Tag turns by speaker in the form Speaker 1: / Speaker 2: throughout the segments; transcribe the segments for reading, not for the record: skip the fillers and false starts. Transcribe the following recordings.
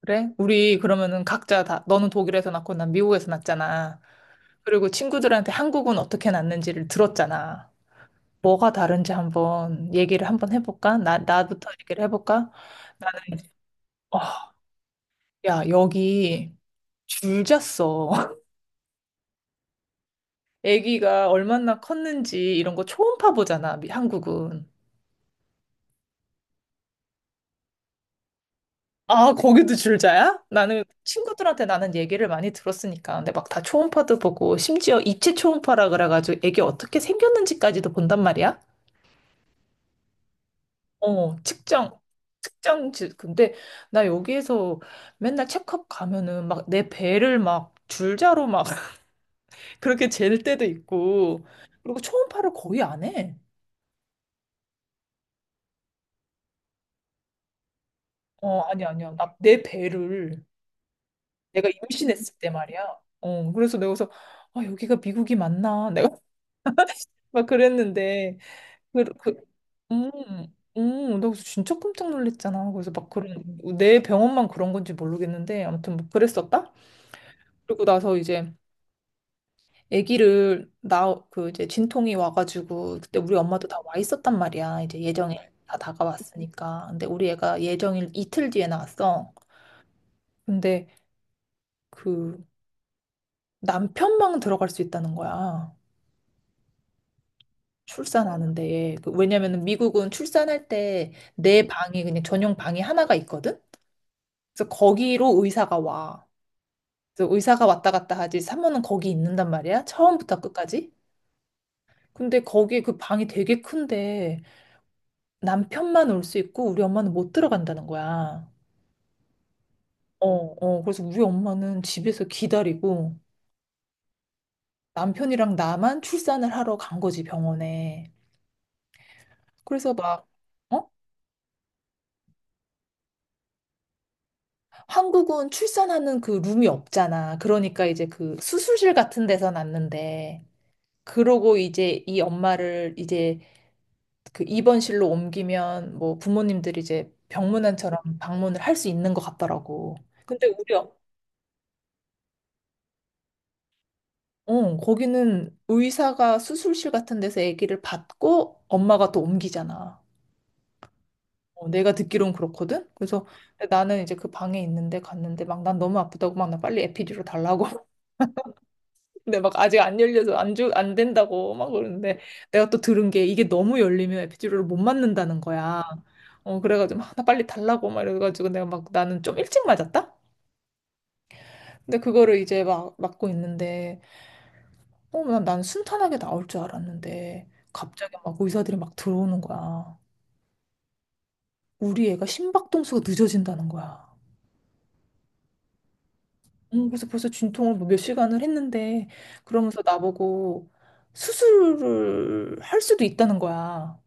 Speaker 1: 그래? 우리 그러면은 각자 다, 너는 독일에서 낳고 난 미국에서 낳았잖아. 그리고 친구들한테 한국은 어떻게 낳는지를 들었잖아. 뭐가 다른지 한번 얘기를 한번 해볼까? 나부터 얘기를 해볼까? 나는, 어, 야, 여기 줄 잤어. 아기가 얼마나 컸는지 이런 거 초음파 보잖아, 한국은. 아, 거기도 줄자야? 나는 친구들한테 나는 얘기를 많이 들었으니까. 근데 막 다 초음파도 보고, 심지어 입체 초음파라 그래가지고 애기 어떻게 생겼는지까지도 본단 말이야? 어, 측정. 근데 나 여기에서 맨날 체크업 가면은 막 내 배를 막 줄자로 막 그렇게 잴 때도 있고, 그리고 초음파를 거의 안 해. 어, 아니야, 아니야. 내 배를 내가 임신했을 때 말이야. 어, 그래서 내가 그래서, 아, 여기가 미국이 맞나? 내가 막 그랬는데, 그, 그, 음, 나 그래서 진짜 깜짝 놀랐잖아. 그래서 막 그런, 내 병원만 그런 건지 모르겠는데, 아무튼 뭐 그랬었다? 그리고 나서 이제 그 이제 진통이 와가지고, 그때 우리 엄마도 다 와 있었단 말이야. 이제 예정일 다 다가왔으니까. 근데 우리 애가 예정일 이틀 뒤에 나왔어. 근데 그 남편만 들어갈 수 있다는 거야. 출산하는데. 그 왜냐면은 미국은 출산할 때 내 방이 그냥 전용 방이 하나가 있거든? 그래서 거기로 의사가 와. 그래서 의사가 왔다 갔다 하지. 산모는 거기 있는단 말이야. 처음부터 끝까지. 근데 거기 그 방이 되게 큰데 남편만 올 수 있고 우리 엄마는 못 들어간다는 거야. 어, 어. 그래서 우리 엄마는 집에서 기다리고 남편이랑 나만 출산을 하러 간 거지, 병원에. 그래서 막 어? 한국은 출산하는 그 룸이 없잖아. 그러니까 이제 그 수술실 같은 데서 났는데. 그러고 이제 이 엄마를 이제 그 입원실로 옮기면 뭐 부모님들이 이제 병문안처럼 방문을 할 수 있는 것 같더라고. 근데 우리 어, 어, 거기는 의사가 수술실 같은 데서 아기를 받고 엄마가 또 옮기잖아. 어, 내가 듣기론 그렇거든. 그래서 나는 이제 그 방에 있는데 갔는데 막 난 너무 아프다고 막 나 빨리 에피듀로 달라고 근데 막 아직 안 열려서 안 된다고 막 그러는데 내가 또 들은 게 이게 너무 열리면 에피듀로를못 맞는다는 거야. 어, 그래가지고 막, 나 빨리 달라고 막 이래가지고 내가 막 나는 좀 일찍 맞았다? 근데 그거를 이제 막 맞고 있는데 난 순탄하게 나올 줄 알았는데 갑자기 막 의사들이 막 들어오는 거야. 우리 애가 심박동수가 늦어진다는 거야. 그래서 벌써 진통을 뭐몇 시간을 했는데 그러면서 나보고 수술을 할 수도 있다는 거야.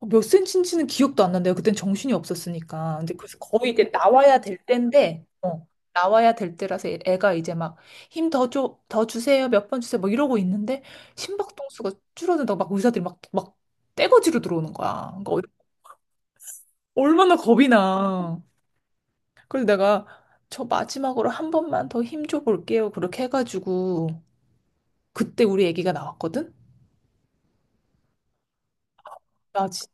Speaker 1: 어, 몇 센치인지는 기억도 안 난대요. 그땐 정신이 없었으니까. 근데 그래서 거의 이제 나와야 될 때인데, 어, 나와야 될 때라서 애가 이제 막 힘 더 줘, 더 주세요, 몇 번 주세요, 뭐 이러고 있는데 심박동수가 줄어든다고 막 의사들이 막 떼거지로 들어오는 거야. 얼마나 겁이 나. 그래서 내가 저 마지막으로 한 번만 더 힘줘 볼게요. 그렇게 해가지고 그때 우리 애기가 나왔거든? 나 진짜.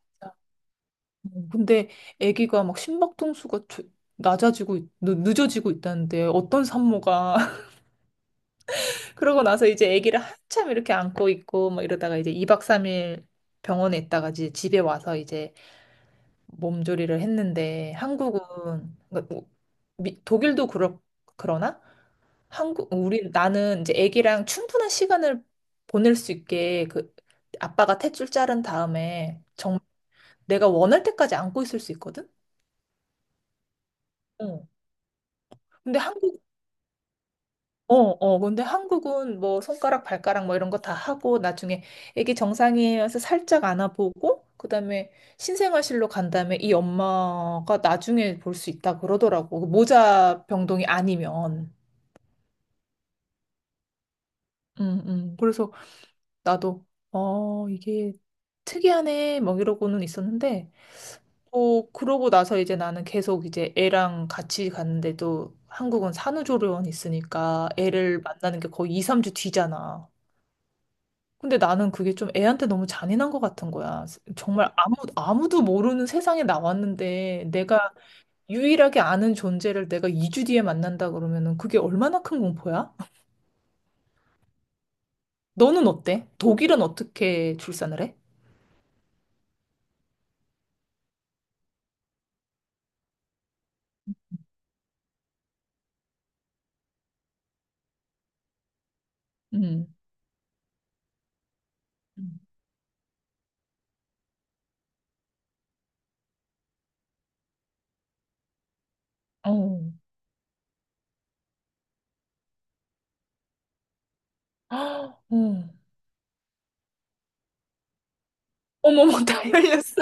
Speaker 1: 어, 근데 아기가 막 심박동수가 늦어지고 있다는데 어떤 산모가 그러고 나서 이제 아기를 한참 이렇게 안고 있고 막 이러다가 이제 2박 3일 병원에 있다가 이제 집에 와서 이제 몸조리를 했는데 한국은 그러니까 뭐 독일도 그렇 그러나 한국 우리 나는 이제 아기랑 충분한 시간을 보낼 수 있게 그 아빠가 탯줄 자른 다음에 정말 내가 원할 때까지 안고 있을 수 있거든. 어. 근데 한국 어, 어, 근데 한국은 뭐 손가락, 발가락 뭐 이런 거 다 하고 나중에 애기 정상이에서 살짝 안아보고 그다음에 신생아실로 간 다음에 이 엄마가 나중에 볼 수 있다 그러더라고. 그 모자 병동이 아니면. 그래서 나도 어, 이게 특이하네 뭐 이러고는 있었는데 어, 그러고 나서 이제 나는 계속 이제 애랑 같이 갔는데도 한국은 산후조리원 있으니까 애를 만나는 게 거의 2, 3주 뒤잖아. 근데 나는 그게 좀 애한테 너무 잔인한 것 같은 거야. 정말 아무도 모르는 세상에 나왔는데 내가 유일하게 아는 존재를 내가 2주 뒤에 만난다 그러면은 그게 얼마나 큰 공포야? 너는 어때? 독일은 어떻게 출산을 해? 음. 음. 어. 아, 어. 어머머, 다 열렸어.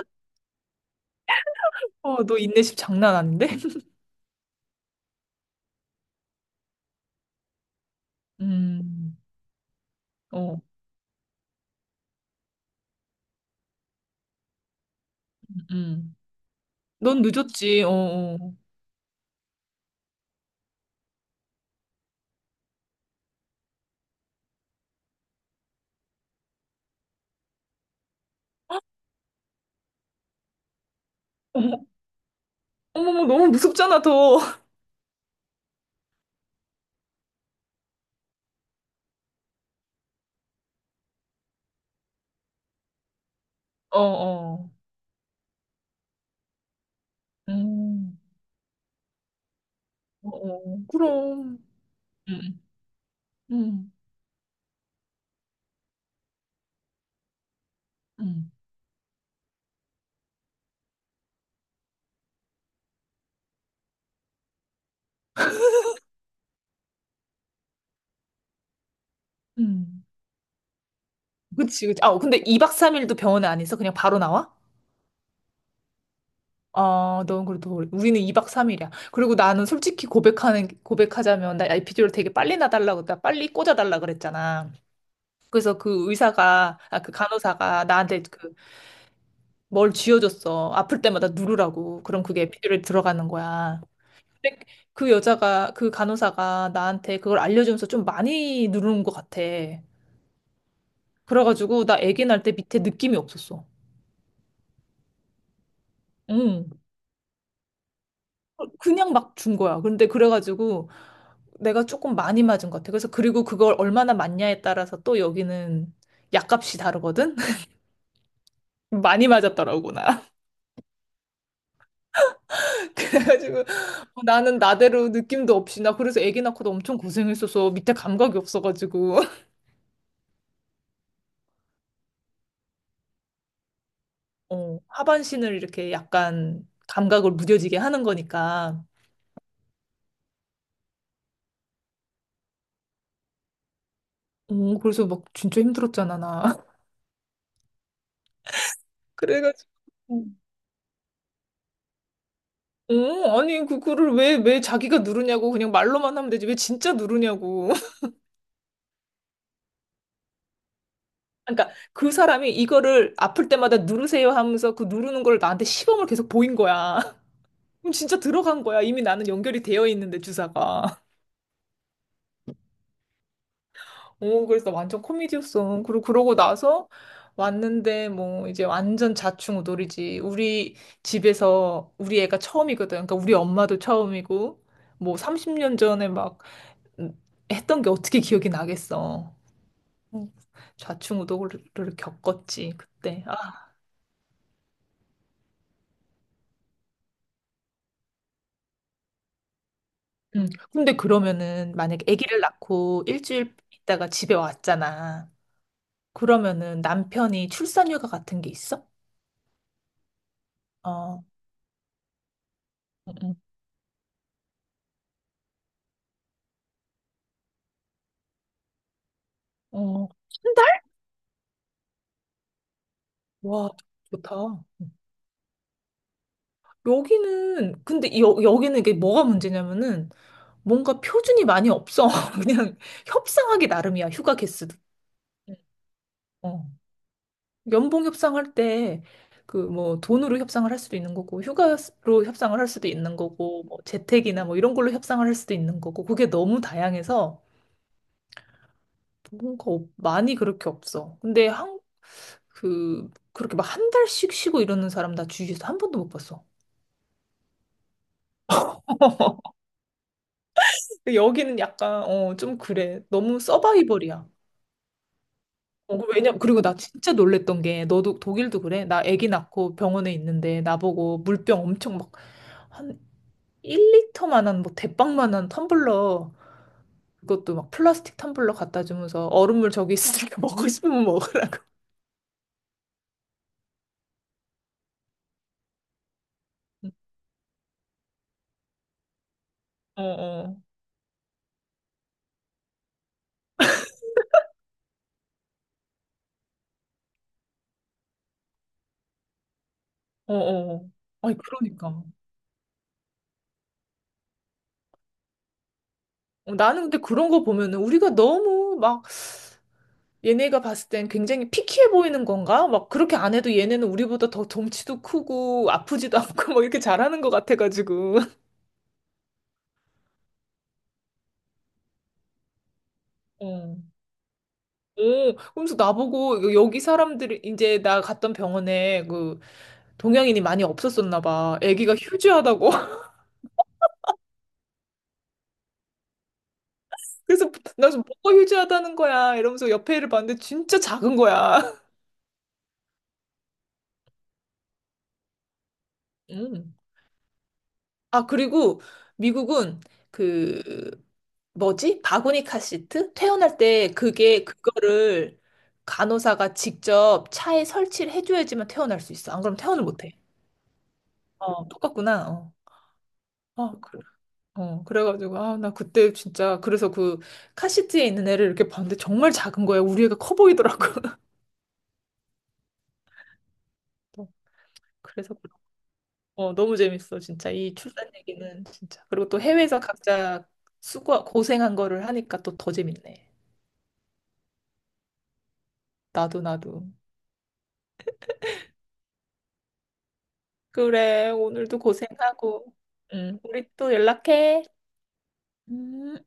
Speaker 1: 어, 너 인내심 장난 아닌데? 음. 어. 음. 넌 늦었지. 어. 어. 어머, 어머머, 너무 무섭잖아, 더. 어, 어. 음. 어, 어, 그럼. 응, 응, 응, 응, 그치, 그치. 아, 근데 2박 3일도 병원에 안 있어? 그냥 바로 나와? 아, 넌 그래도 우리는 2박 3일이야. 그리고 나는 솔직히 고백하자면, 나 에피dural 되게 빨리 나달라고 나 빨리 꽂아달라 그랬잖아. 그래서 그 간호사가 나한테 그 뭘 쥐어줬어. 아플 때마다 누르라고. 그럼 그게 에피 d u 들어가는 거야. 근데 그 간호사가 나한테 그걸 알려주면서 좀 많이 누르는 것 같아. 그래가지고 나 아기 낳을 때 밑에 느낌이 없었어. 응. 그냥 막 준 거야. 근데 그래가지고 내가 조금 많이 맞은 것 같아. 그래서 그리고 그걸 얼마나 맞냐에 따라서 또 여기는 약값이 다르거든? 많이 맞았더라고, 나. 그래가지고 뭐 나는 나대로 느낌도 없이 나 그래서 아기 낳고도 엄청 고생했어서 밑에 감각이 없어가지고 어, 하반신을 이렇게 약간 감각을 무뎌지게 하는 거니까. 어, 그래서 막 진짜 힘들었잖아, 나. 그래가지고. 어, 아니, 그거를 왜 자기가 누르냐고, 그냥 말로만 하면 되지. 왜 진짜 누르냐고. 그러니까 그 사람이 이거를 아플 때마다 누르세요 하면서 그 누르는 걸 나한테 시범을 계속 보인 거야. 그럼 진짜 들어간 거야. 이미 나는 연결이 되어 있는데, 주사가. 어, 그래서 완전 코미디였어. 그리고 그러고 나서 왔는데, 뭐, 이제 완전 자충우돌이지. 우리 집에서 우리 애가 처음이거든. 그러니까 우리 엄마도 처음이고, 뭐, 30년 전에 막, 음, 했던 게 어떻게 기억이 나겠어. 음, 좌충우돌을 겪었지, 그때. 아, 근데 그러면은 만약에 아기를 낳고 일주일 있다가 집에 왔잖아. 그러면은 남편이 출산휴가 같은 게 있어? 어, 응, 응. 어, 한 달? 와, 좋다. 응. 여기는, 근데 여기는 이게 뭐가 문제냐면은 뭔가 표준이 많이 없어. 그냥 협상하기 나름이야, 휴가 개수도. 응. 어. 연봉 협상할 때 그 뭐 돈으로 협상을 할 수도 있는 거고 휴가로 협상을 할 수도 있는 거고 뭐 재택이나 뭐 이런 걸로 협상을 할 수도 있는 거고 그게 너무 다양해서 많이 그렇게 없어. 근데 한 그렇게 막 한 달씩 쉬고 이러는 사람 나 주위에서 한 번도 못 봤어. 여기는 약간 어 좀 그래. 너무 서바이벌이야. 어, 그 왜냐 그리고 나 진짜 놀랬던 게 너도 독일도 그래? 나 아기 낳고 병원에 있는데 나보고 물병 엄청 막한 1리터만한 뭐 대빵만한 텀블러 그것도 막 플라스틱 텀블러 갖다 주면서 얼음물 저기 있으니까 먹고 싶으면 먹으라. 어, 어, 어, 어. 아니 그러니까. 어, 나는 근데 그런 거 보면은 우리가 너무 막 얘네가 봤을 땐 굉장히 피키해 보이는 건가? 막 그렇게 안 해도 얘네는 우리보다 더 덩치도 크고 아프지도 않고 막 이렇게 잘하는 것 같아가지고. 어. 오, 그러면서 나보고 여기 사람들이 이제 나 갔던 병원에 그 동양인이 많이 없었었나 봐. 애기가 휴지하다고. 그래서 나 지금 뭐가 휴지하다는 거야 이러면서 옆에 애를 봤는데 진짜 작은 거야. 음. 아, 그리고 미국은 그 뭐지? 바구니 카시트? 퇴원할 때 그게 그거를 간호사가 직접 차에 설치를 해줘야지만 퇴원할 수 있어. 안 그러면 퇴원을 못 해. 어, 똑같구나. 어. 아, 그래. 어, 그래가지고, 아, 나 그때 진짜, 그래서 그 카시트에 있는 애를 이렇게 봤는데 정말 작은 거야. 우리 애가 커 보이더라고. 어, 그래서. 어, 너무 재밌어, 진짜. 이 출산 얘기는 진짜. 그리고 또 해외에서 각자 수고, 고생한 거를 하니까 또 더 재밌네. 나도, 나도. 그래, 오늘도 고생하고. 응, 우리 또 연락해. 음.